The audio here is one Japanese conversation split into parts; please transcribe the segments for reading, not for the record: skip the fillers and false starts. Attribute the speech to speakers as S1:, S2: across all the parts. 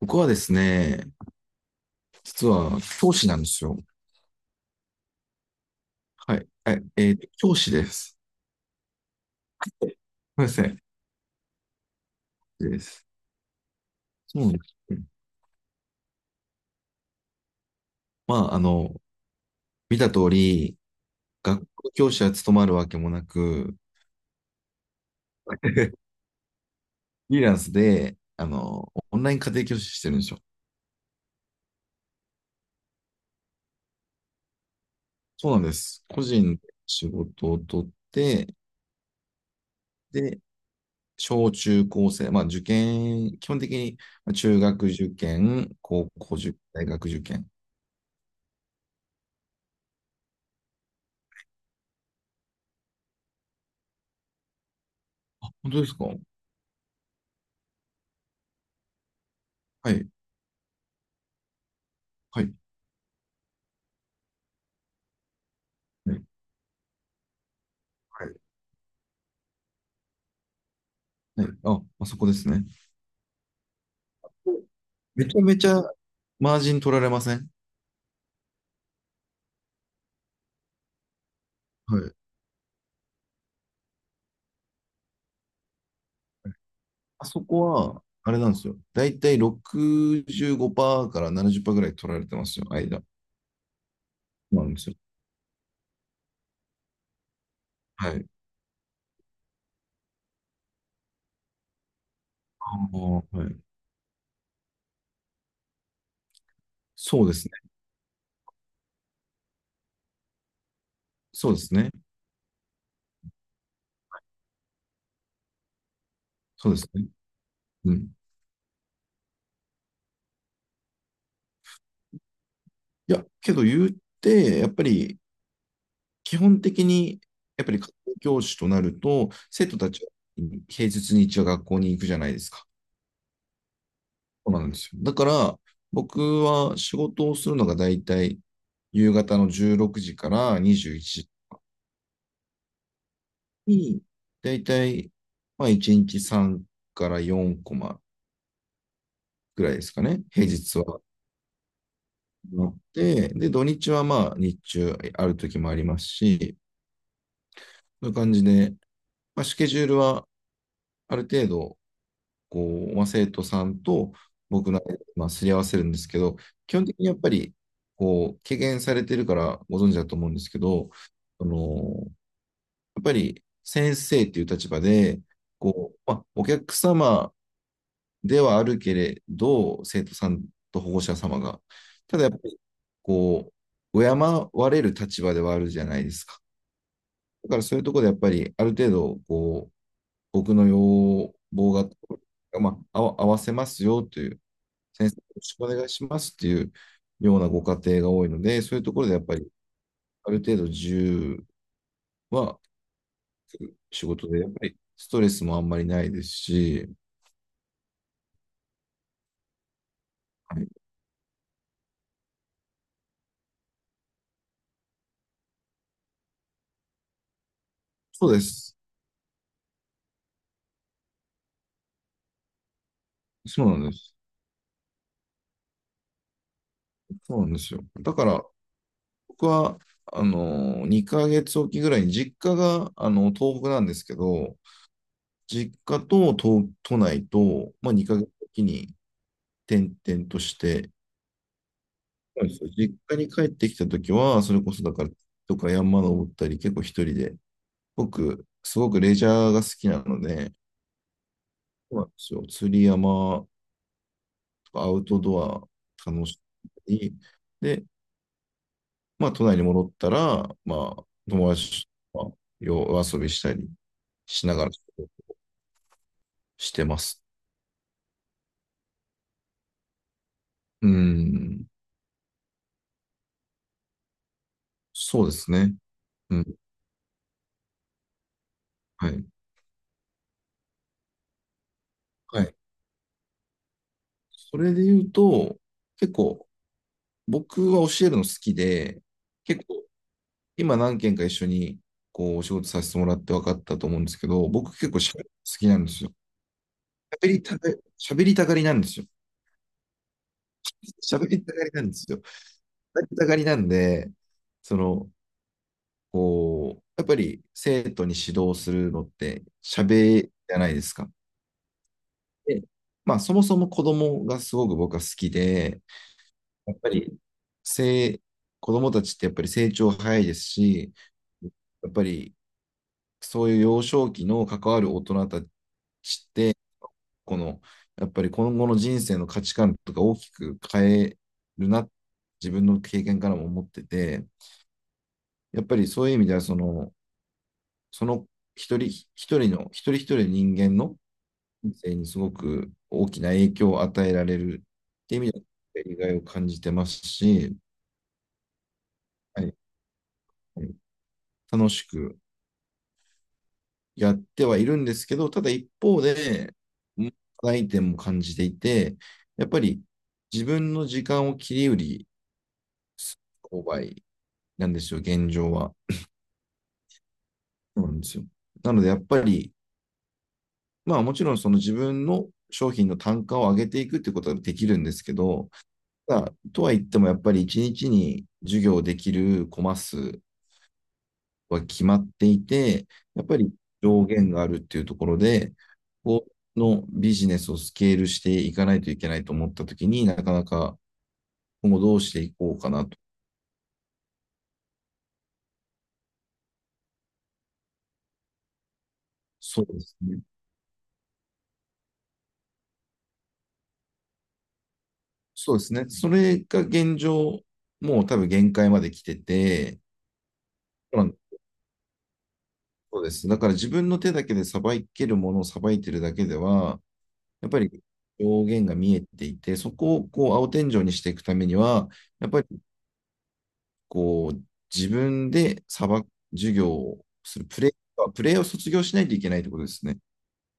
S1: 僕はですね、実は教師なんですよ。はい。えっ、えーと教師です。そうですね。です。そうなんです。うん。まあ、見た通り、学校教師は務まるわけもなく、フリーランスで、オンライン家庭教師してるんですよ。そうなんです。個人で仕事を取って、で、小中高生、まあ受験、基本的に、まあ中学受験、高校受験、大学受験。本当ですか？はい。はい。はい。はい。あ、あそこですね。めちゃめちゃマージン取られません？はい。あそこは、あれなんですよ。だいたい65%から70%ぐらい取られてますよ、間。そうなんですよ。はい。あーはい。そうですね。そうですね。そうですね。うん。いや、けど言って、やっぱり基本的に、やっぱり家庭教師となると、生徒たちは平日に一応学校に行くじゃないですか。そうなんですよ。だから、僕は仕事をするのが大体夕方の16時から21時に、大体、まあ1日3から4コマぐらいですかね。平日はあって、で、土日はまあ日中ある時もありますし、そういう感じで、まあ、スケジュールはある程度、こう、まあ、生徒さんと僕の、まあ、すり合わせるんですけど、基本的にやっぱり、こう、経験されてるからご存知だと思うんですけど、あの、やっぱり先生っていう立場で、こう、まあ、お客様ではあるけれど、生徒さんと保護者様が、ただやっぱり、こう、われる立場ではあるじゃないですか。だからそういうところでやっぱり、ある程度、こう、僕の要望が、まあ、合わせますよという先生、よろしくお願いしますっていうようなご家庭が多いので、そういうところでやっぱりある程度自由は仕事で、やっぱりストレスもあんまりないですし、はい、そうです。そうなんです。そうなんですよ。だから、僕は、2ヶ月おきぐらいに実家が、東北なんですけど、実家と都、都内と、まあ、2ヶ月おきに転々として、そうです、実家に帰ってきたときは、それこそだから、とか山登ったり、結構一人で、僕、すごくレジャーが好きなので、そうなんですよ。釣り、山とかアウトドア楽しんだり、で、まあ、都内に戻ったら、まあ、友達と夜遊びしたりしながらしてます。うん、そうですね。うん、はい。はい。それで言うと、結構、僕は教えるの好きで、結構、今何件か一緒に、こう、お仕事させてもらって分かったと思うんですけど、僕結構喋るの好きなんですよ。喋りたが、喋りたがりなんですよ。喋りたがりなんですよ。喋りたがりなんで、その、こう、やっぱり生徒に指導するのって喋りじゃないですか。で、まあ、そもそも子供がすごく僕は好きで、やっぱり、せい、子供たちってやっぱり成長早いですし、やっぱりそういう幼少期の関わる大人たちって、この、やっぱり今後の人生の価値観とか大きく変えるな、自分の経験からも思ってて、やっぱりそういう意味では、その、その一人一人の、一人一人の人間の人生にすごく大きな影響を与えられるっていう意味では、やりがいを感じてますし、はい、はい、楽しくやってはいるんですけど、ただ一方で、う課題点も感じていて、やっぱり自分の時間を切り売りする購買なんですよ、現状は。そうなんですよ。なので、やっぱり、まあもちろんその自分の商品の単価を上げていくってことはできるんですけど、ただとは言ってもやっぱり1日に授業できるコマ数は決まっていて、やっぱり上限があるっていうところで、このビジネスをスケールしていかないといけないと思ったときに、なかなか今後どうしていこうかなと。そうですね。そうですね。それが現状、もう多分限界まで来てて、まあそうです。だから自分の手だけでさばけるものをさばいてるだけでは、やっぱり上限が見えていて、そこをこう青天井にしていくためには、やっぱり、こう、自分で裁く授業をする、プレイを卒業しないといけないってことですね。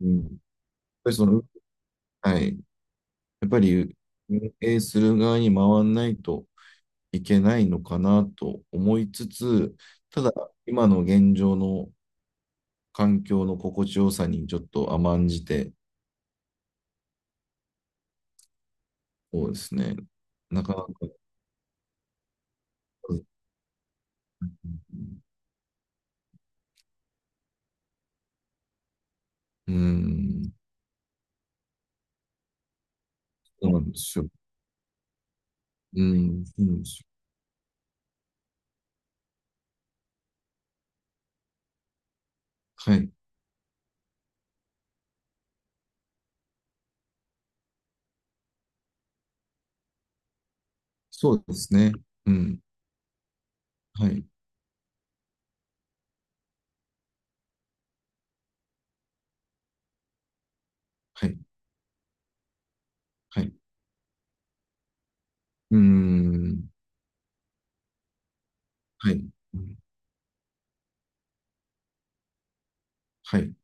S1: うん。やっぱりその、はい。やっぱり運営する側に回らないといけないのかなと思いつつ、ただ、今の現状の環境の心地よさにちょっと甘んじて、そうですね。なかなか、うん、そうなんですよ。うん、そうなんですよ。はい。そうですね。うん。はい。はい。はい。うーん。はい。うん、はい。う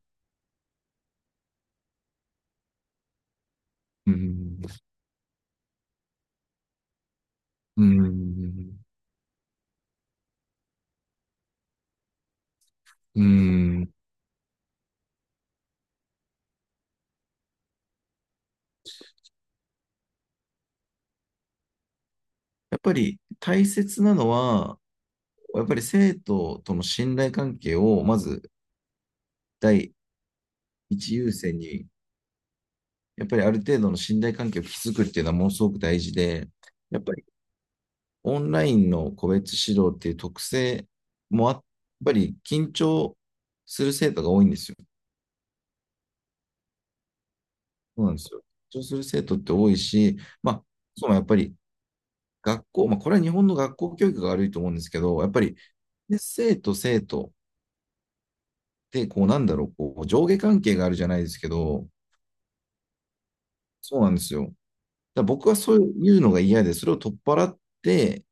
S1: ーん。うーん。うーん。やっぱり大切なのは、やっぱり生徒との信頼関係を、まず第一優先に、やっぱりある程度の信頼関係を築くっていうのはものすごく大事で、やっぱりオンラインの個別指導っていう特性もあ、やっぱり緊張する生徒が多いんですよ。そうなんですよ。緊張する生徒って多いし、まあ、そうやっぱり学校、まあ、これは日本の学校教育が悪いと思うんですけど、やっぱり、ね生徒って、こう、なんだろう、こう、上下関係があるじゃないですけど、そうなんですよ。だから僕はそういうのが嫌で、それを取っ払って、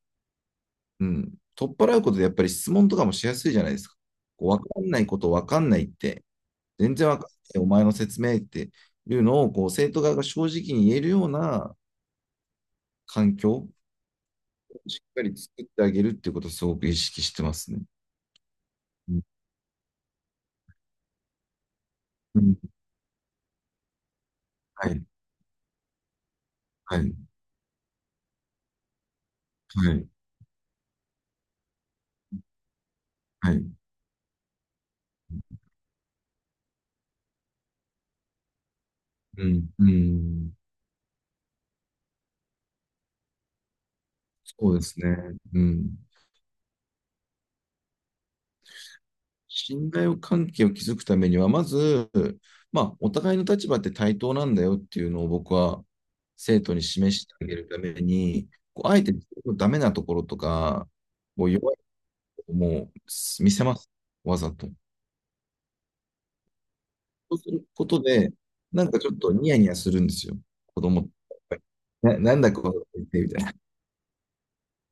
S1: うん、取っ払うことで、やっぱり質問とかもしやすいじゃないですか。こう、かんないこと分かんないって、全然わかんない、お前の説明っていうのを、こう、生徒側が正直に言えるような環境をしっかり作ってあげるっていうことをすごく意識してますね。うん、うん、はい、はい。はい。はい。うん、うん、そうですね。うん。信頼関係を築くためには、まず、まあ、お互いの立場って対等なんだよっていうのを僕は生徒に示してあげるために、こう、あえて自分のダメなところとか、こう弱いところも見せます。わざと。そうすることで、なんかちょっとニヤニヤするんですよ。子供って。なんだこの子ってみたいな。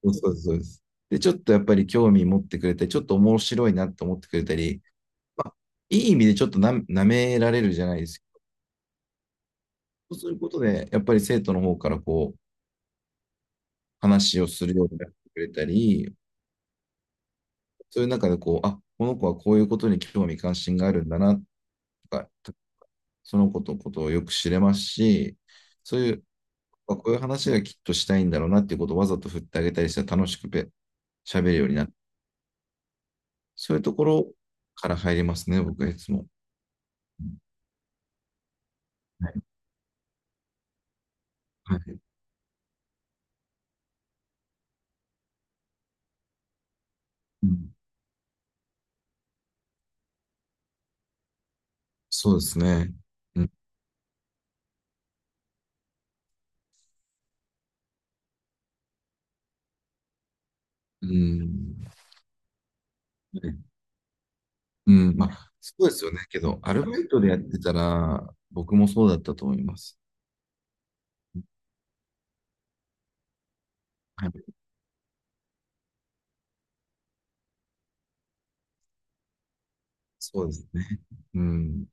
S1: そうですそうです。で、ちょっとやっぱり興味持ってくれたり、ちょっと面白いなって思ってくれたり、まあ、いい意味でちょっとな、舐められるじゃないですけど、そうすることで、やっぱり生徒の方からこう、話をするようになってくれたり、そういう中でこう、あ、この子はこういうことに興味関心があるんだな、とか、その子のことをよく知れますし、そういう、あ、こういう話がきっとしたいんだろうなっていうことをわざと振ってあげたりしたら、楽しくべ喋るようになる。そういうところから入りますね、僕はいつも。はい。はい、うん、そうですね。うん。うん。ね、うん。まあ、そうですよね。けど、アルバイトでやってたら、僕もそうだったと思います。はい。そうですね。うん。